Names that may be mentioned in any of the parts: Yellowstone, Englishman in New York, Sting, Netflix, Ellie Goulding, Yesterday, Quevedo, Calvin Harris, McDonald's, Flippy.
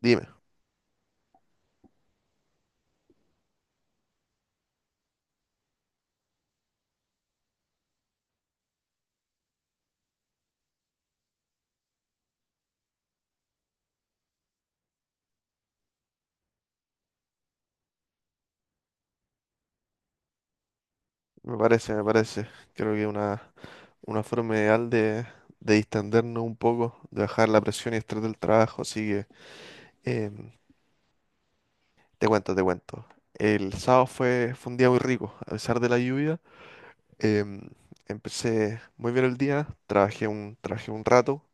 Dime, me parece. Creo que una forma ideal de distendernos un poco, de bajar la presión y estrés del trabajo. Así que em, te cuento. El sábado fue un día muy rico, a pesar de la lluvia. em, empecé muy bien el día, trabajé un rato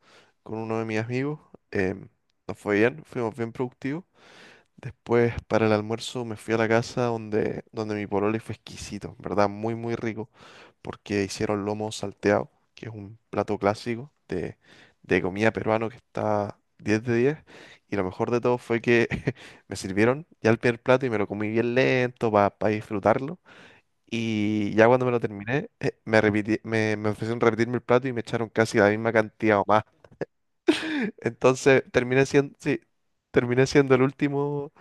con uno de mis amigos. em, nos fue bien, fuimos bien productivos. Después, para el almuerzo, me fui a la casa donde mi pololo y fue exquisito, ¿en verdad? Muy, muy rico, porque hicieron lomo salteado, que es un plato clásico de comida peruano que está 10 de 10. Y lo mejor de todo fue que me sirvieron ya el primer plato y me lo comí bien lento para disfrutarlo. Y ya cuando me lo terminé, me ofrecieron repetirme el plato y me echaron casi la misma cantidad o más. Entonces, terminé siendo, sí, terminé siendo el último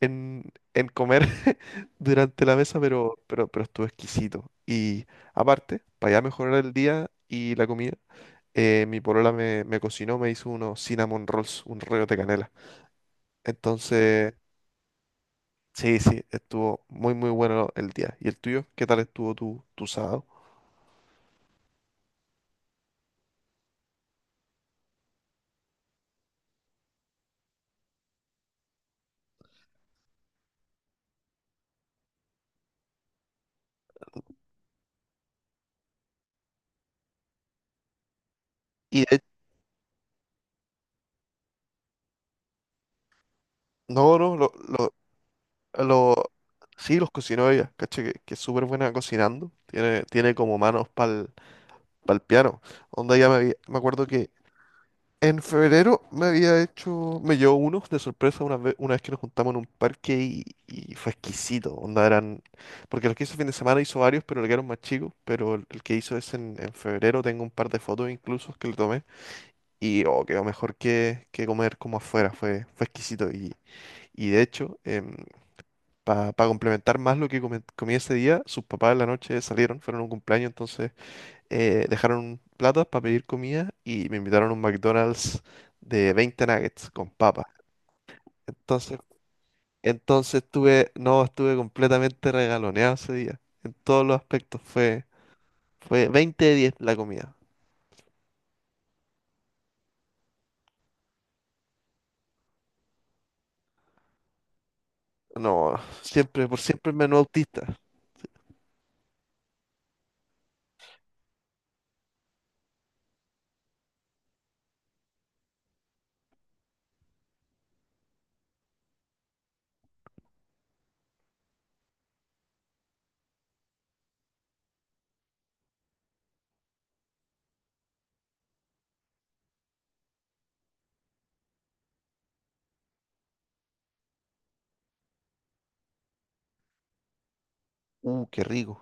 en comer durante la mesa, pero estuvo exquisito. Y aparte, para ya mejorar el día y la comida, mi polola me cocinó, me hizo unos cinnamon rolls, un rollo de canela. Entonces, sí, sí, estuvo muy, muy bueno el día. ¿Y el tuyo? ¿Qué tal estuvo tu sábado? Y de- no, no, lo- sí, los cocinó ella, caché, que es súper buena cocinando. Tiene como manos para el piano. Onda, ya me acuerdo que en febrero me había hecho, me llevó unos de sorpresa una vez que nos juntamos en un parque y fue exquisito. Onda eran, porque los que hizo fin de semana hizo varios, pero le quedaron más chicos. Pero el que hizo es en febrero, tengo un par de fotos incluso que le tomé. Y oh, quedó mejor que comer como afuera, fue exquisito. Y de hecho, para complementar más lo que comí ese día, sus papás en la noche salieron, fueron a un cumpleaños, entonces dejaron plata para pedir comida y me invitaron a un McDonald's de 20 nuggets con papas. Entonces, entonces estuve, no, estuve completamente regaloneado ese día. En todos los aspectos fue 20 de 10 la comida. No, siempre, por siempre el menú autista. Qué rico.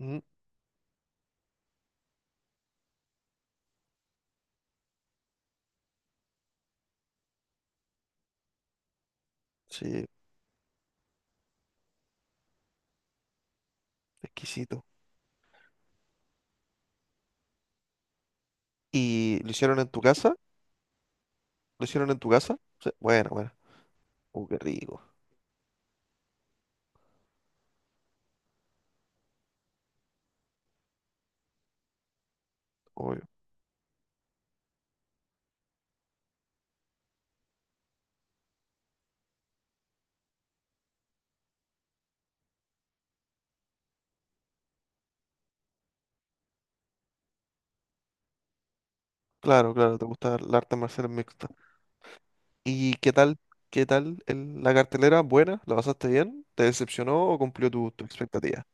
Mm, sí, exquisito. ¿Y lo hicieron en tu casa? ¿Lo hicieron en tu casa? Sí, bueno, bueno. Qué rico. Obvio. Claro, claro, te gusta el arte marcial mixto. ¿Y qué tal? ¿Qué tal el- la cartelera? ¿Buena? ¿La pasaste bien? ¿Te decepcionó o cumplió tu expectativa?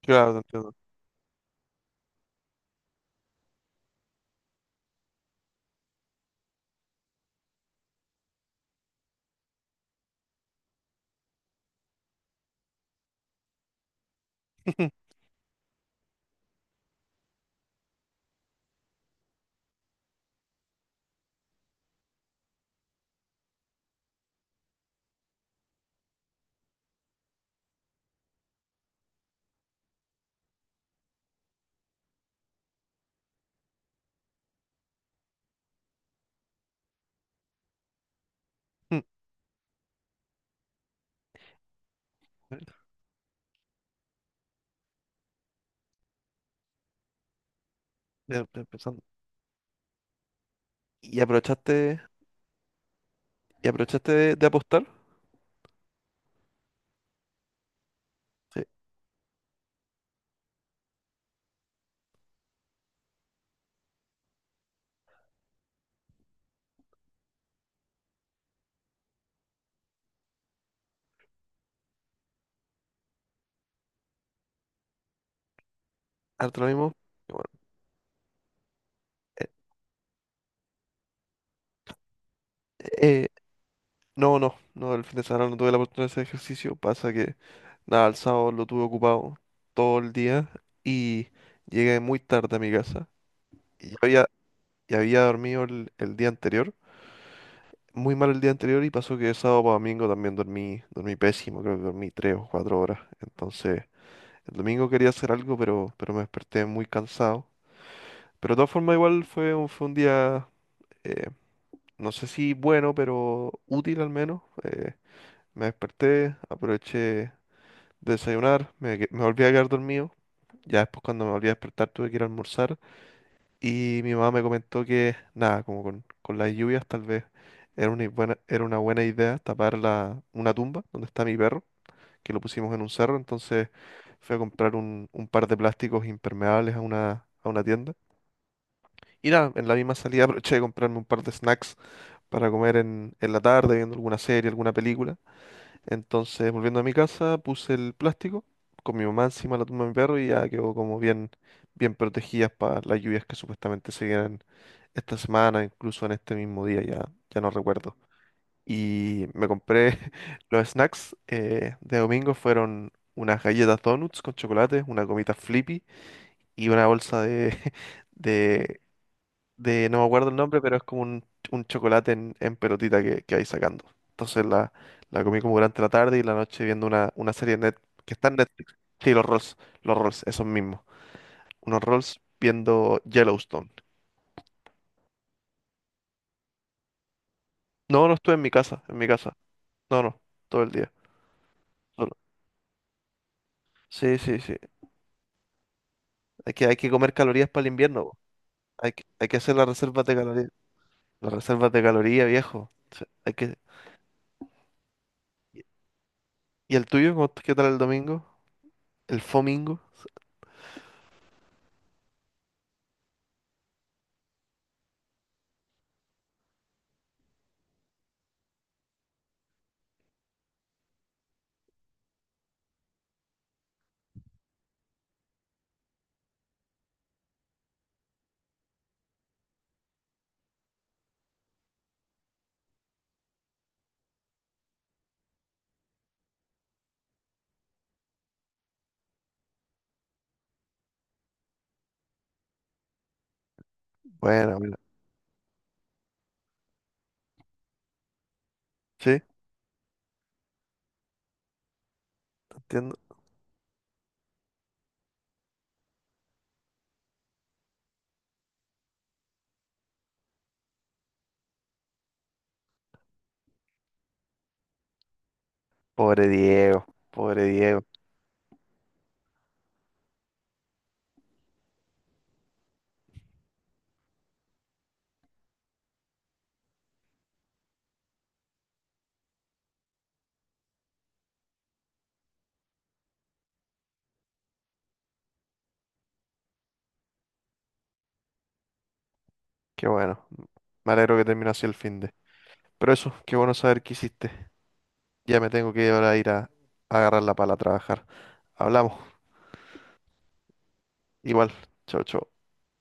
Claro, te entiendo. Ya estoy empezando. ¿Y aprovechaste de apostar? Sí, harto lo mismo. Y bueno, eh, eh, eh, no, no, no, el fin de semana no tuve la oportunidad de hacer ejercicio. Pasa que, nada, el sábado lo tuve ocupado todo el día y llegué muy tarde a mi casa. Y ya había dormido el día anterior muy mal el día anterior y pasó que de sábado para domingo también dormí pésimo, creo que dormí 3 o 4 horas. Entonces, el domingo quería hacer algo, pero me desperté muy cansado. Pero de todas formas, igual fue un día, eh, no sé si bueno, pero útil al menos. Me desperté, aproveché de desayunar, me volví a quedar dormido. Ya después cuando me volví a despertar tuve que ir a almorzar. Y mi mamá me comentó que, nada, como con las lluvias tal vez era una buena idea tapar una tumba donde está mi perro, que lo pusimos en un cerro, entonces fui a comprar un par de plásticos impermeables a una tienda. Y nada, en la misma salida aproveché de comprarme un par de snacks para comer en la tarde, viendo alguna serie, alguna película. Entonces, volviendo a mi casa, puse el plástico con mi mamá encima de la tumba de mi perro y ya quedó como bien, bien protegidas para las lluvias que supuestamente se vienen esta semana, incluso en este mismo día, ya, ya no recuerdo. Y me compré los snacks de domingo, fueron unas galletas donuts con chocolate, una gomita Flippy y una bolsa de, de de, no me acuerdo el nombre, pero es como un chocolate en pelotita que vais sacando. Entonces la comí como durante la tarde y la noche viendo una serie de net, que está en Netflix. Sí, los Rolls, esos mismos. Unos Rolls viendo Yellowstone. No, no estuve en mi casa, en mi casa. No, no, todo el día. Solo. Sí, sí, sí. Hay que comer calorías para el invierno. Po. Hay que hacer las reservas de calorías. Las reservas de calorías, viejo. Sí, hay que... ¿Y el tuyo? ¿Cómo- ¿Qué tal el domingo? ¿El fomingo? Bueno, mira. Sí, entiendo. Pobre Diego, pobre Diego. Qué bueno. Me alegro que terminó así el fin de. Pero eso, qué bueno saber que hiciste. Ya me tengo que ahora ir a agarrar la pala a trabajar. Hablamos. Igual. Chau, chau.